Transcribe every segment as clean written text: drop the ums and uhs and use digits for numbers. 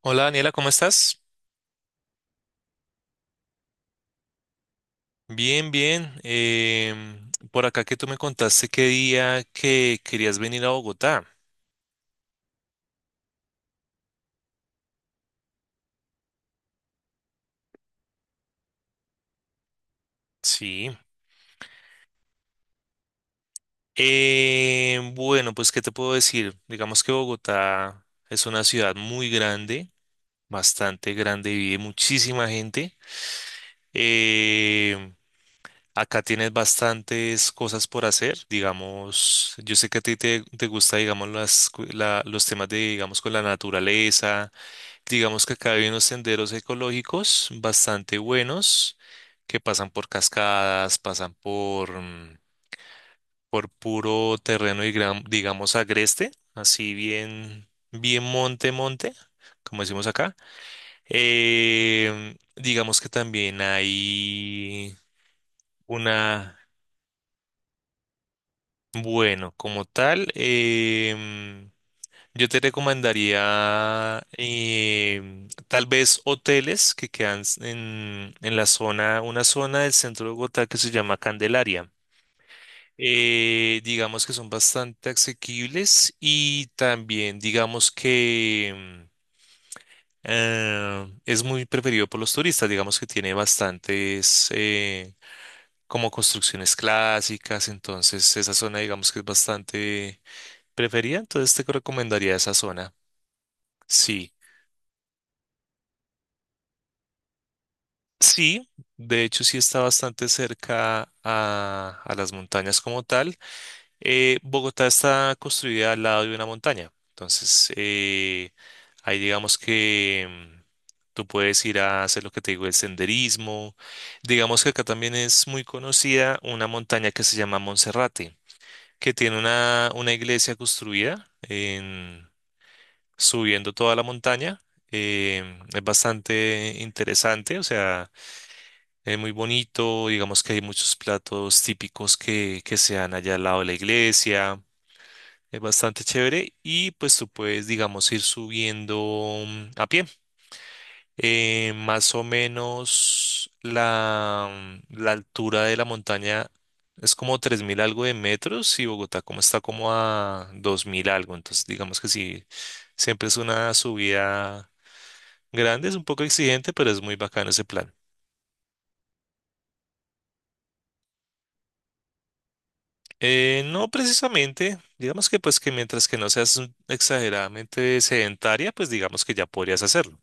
Hola Daniela, ¿cómo estás? Bien, bien. Por acá que tú me contaste qué día que querías venir a Bogotá. Sí. Bueno, pues ¿qué te puedo decir? Digamos que Bogotá es una ciudad muy grande, bastante grande, vive muchísima gente. Em, acá tienes bastantes cosas por hacer. Digamos, yo sé que a ti te gusta, digamos, los temas de, digamos, con la naturaleza. Digamos que acá hay unos senderos ecológicos bastante buenos que pasan por cascadas, pasan por puro terreno y digamos agreste, así bien, bien monte, monte, como decimos acá. Digamos que también hay una, bueno, como tal. Yo te recomendaría tal vez hoteles que quedan en la zona, una zona del centro de Bogotá que se llama Candelaria. Digamos que son bastante asequibles y también digamos que es muy preferido por los turistas, digamos que tiene bastantes como construcciones clásicas, entonces esa zona digamos que es bastante preferida, entonces te recomendaría esa zona, sí. Sí, de hecho sí está bastante cerca a las montañas como tal. Bogotá está construida al lado de una montaña, entonces ahí digamos que tú puedes ir a hacer lo que te digo, el senderismo. Digamos que acá también es muy conocida una montaña que se llama Monserrate, que tiene una iglesia construida en, subiendo toda la montaña. Es bastante interesante, o sea, muy bonito, digamos que hay muchos platos típicos que se dan allá al lado de la iglesia, es bastante chévere y pues tú puedes, digamos, ir subiendo a pie. Más o menos la altura de la montaña es como 3000 algo de metros y Bogotá como está como a 2000 algo, entonces digamos que sí, siempre es una subida grande, es un poco exigente, pero es muy bacano ese plan. No precisamente, digamos que pues que mientras que no seas exageradamente sedentaria, pues digamos que ya podrías hacerlo.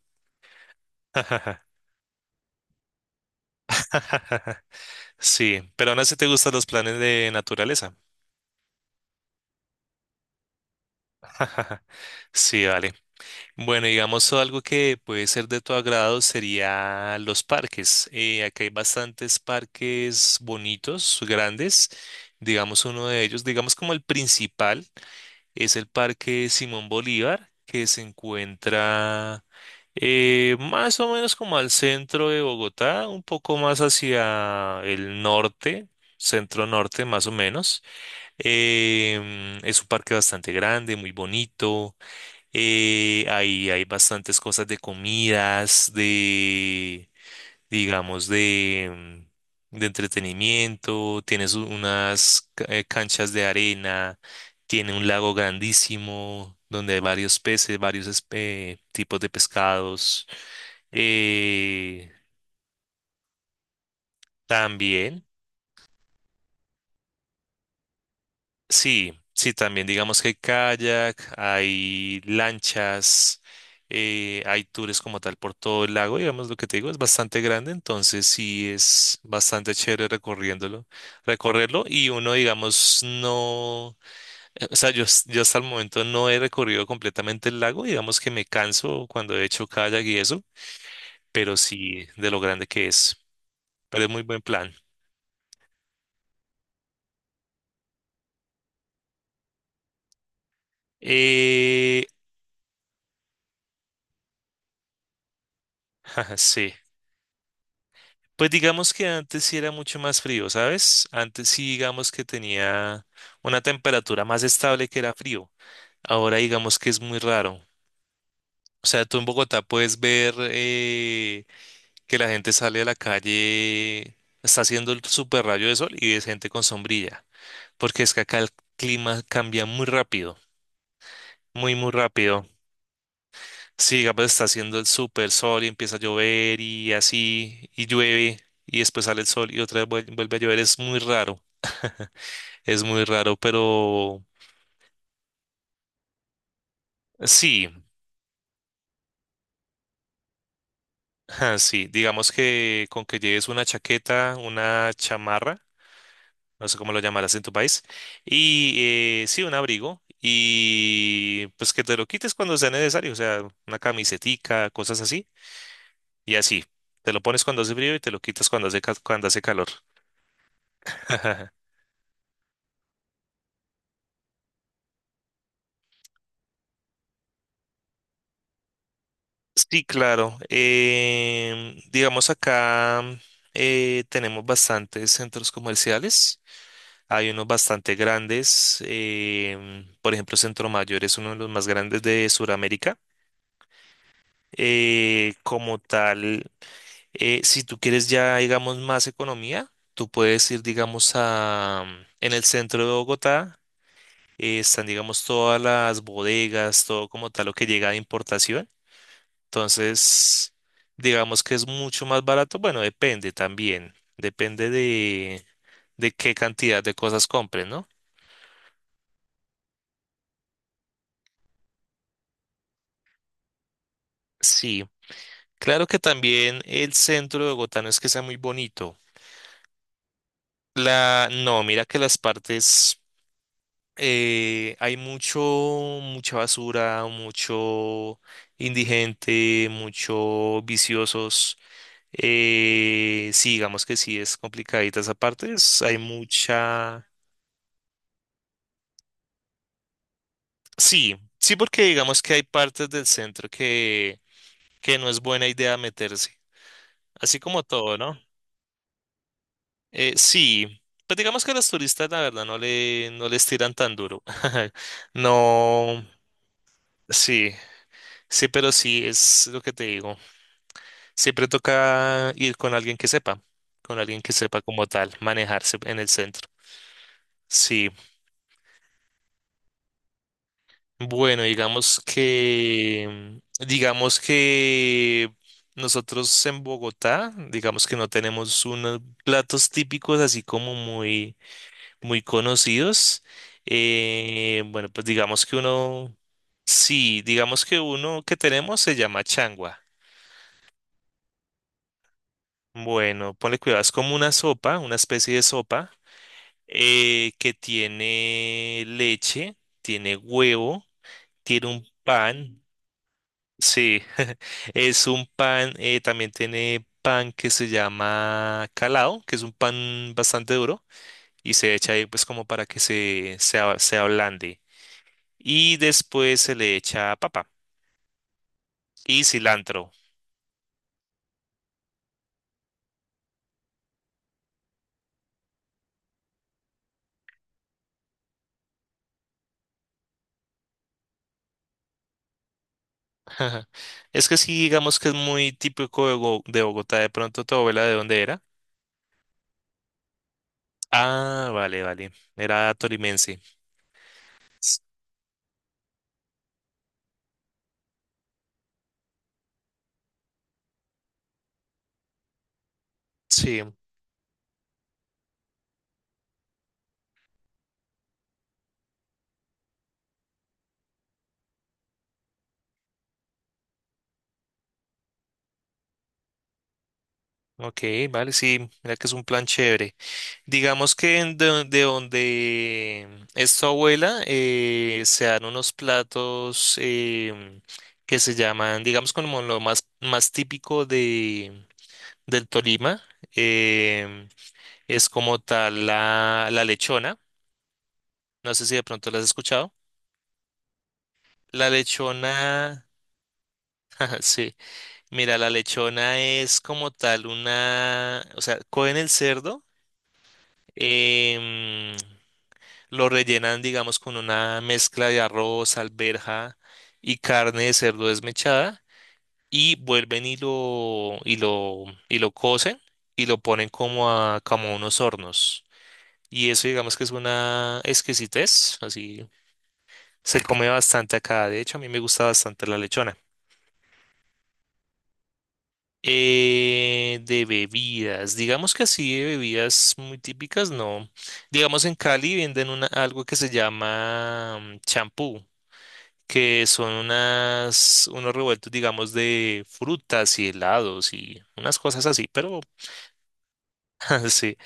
Sí, pero aún así te gustan los planes de naturaleza. Sí, vale. Bueno, digamos algo que puede ser de tu agrado sería los parques. Acá hay bastantes parques bonitos, grandes. Digamos uno de ellos, digamos como el principal. Es el Parque Simón Bolívar, que se encuentra más o menos como al centro de Bogotá, un poco más hacia el norte, centro norte más o menos. Es un parque bastante grande, muy bonito. Ahí hay bastantes cosas de comidas, de digamos, de, de entretenimiento, tienes unas canchas de arena, tiene un lago grandísimo donde hay varios peces, varios tipos de pescados. eh, también. Sí, sí, también digamos que hay kayak, hay lanchas, hay tours como tal por todo el lago, digamos lo que te digo, es bastante grande, entonces sí es bastante chévere recorriéndolo, recorrerlo y uno digamos no, o sea, yo, yo hasta el momento no he recorrido completamente el lago, digamos que me canso cuando he hecho kayak y eso, pero sí de lo grande que es, pero es muy buen plan. Eh, sí. Pues digamos que antes sí era mucho más frío, ¿sabes? Antes sí digamos que tenía una temperatura más estable que era frío. Ahora digamos que es muy raro. O sea, tú en Bogotá puedes ver que la gente sale a la calle, está haciendo el super rayo de sol y ves gente con sombrilla. Porque es que acá el clima cambia muy rápido, muy, muy rápido. Sí, digamos, está haciendo el super sol y empieza a llover y así, y llueve, y después sale el sol y otra vez vuelve a llover. Es muy raro. Es muy raro, pero sí, sí. Digamos que con que lleves una chaqueta, una chamarra, no sé cómo lo llamarás en tu país, y sí, un abrigo, y pues que te lo quites cuando sea necesario, o sea, una camisetica, cosas así, y así. Te lo pones cuando hace frío y te lo quitas cuando hace calor. Sí, claro. Digamos acá, tenemos bastantes centros comerciales. Hay unos bastante grandes. Por ejemplo, Centro Mayor es uno de los más grandes de Sudamérica. Como tal, si tú quieres ya, digamos, más economía, tú puedes ir, digamos, a, en el centro de Bogotá. Están, digamos, todas las bodegas, todo como tal lo que llega de importación. Entonces, digamos que es mucho más barato. Bueno, depende también. Depende de qué cantidad de cosas compren, ¿no? Sí. Claro que también el centro de Bogotá no es que sea muy bonito. La, no, mira que las partes hay mucho, mucha basura, mucho indigente, mucho viciosos. Sí, digamos que sí es complicadita esa parte. Es- hay mucha Sí, sí, porque digamos que hay partes del centro que no es buena idea meterse, así como todo, ¿no? Sí, pues digamos que a los turistas la verdad no les tiran tan duro. No, sí, sí, pero sí es lo que te digo. Siempre toca ir con alguien que sepa, con alguien que sepa como tal, manejarse en el centro. Sí. Bueno, digamos que nosotros en Bogotá, digamos que no tenemos unos platos típicos así como muy, muy conocidos. Bueno, pues digamos que uno, sí, digamos que uno que tenemos se llama changua. Bueno, ponle cuidado, es como una sopa, una especie de sopa que tiene leche, tiene huevo, tiene un pan. Sí, es un pan, también tiene pan que se llama calado, que es un pan bastante duro y se echa ahí pues como para que se ablande. Y después se le echa papa y cilantro. Es que sí, digamos que es muy típico de de Bogotá. De pronto, ¿tu abuela de dónde era? Ah, vale, vale. Era tolimense. S- Sí, ok, vale, sí. Mira que es un plan chévere. Digamos que en donde es tu abuela, se dan unos platos, que se llaman, digamos, como lo más, más típico del Tolima. em, es como tal la lechona. No sé si de pronto la has escuchado. La lechona, sí. Mira, la lechona es como tal una, o sea, cogen el cerdo. em, Lo rellenan, digamos, con una mezcla de arroz, alberja y carne de cerdo desmechada y vuelven y lo cocen y lo ponen como a unos hornos. Y eso, digamos que es una exquisitez, así se come bastante acá. De hecho, a mí me gusta bastante la lechona. De bebidas, digamos que así de bebidas muy típicas, no. Digamos en Cali venden una, algo que se llama champú. Que son unas, unos revueltos, digamos, de frutas y helados y unas cosas así, pero sí,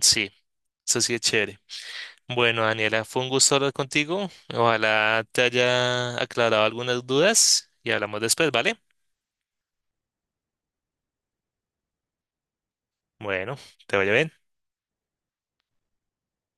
sí, eso sí es chévere. Bueno, Daniela, fue un gusto hablar contigo. Ojalá te haya aclarado algunas dudas y hablamos después, ¿vale? Bueno, te vaya bien.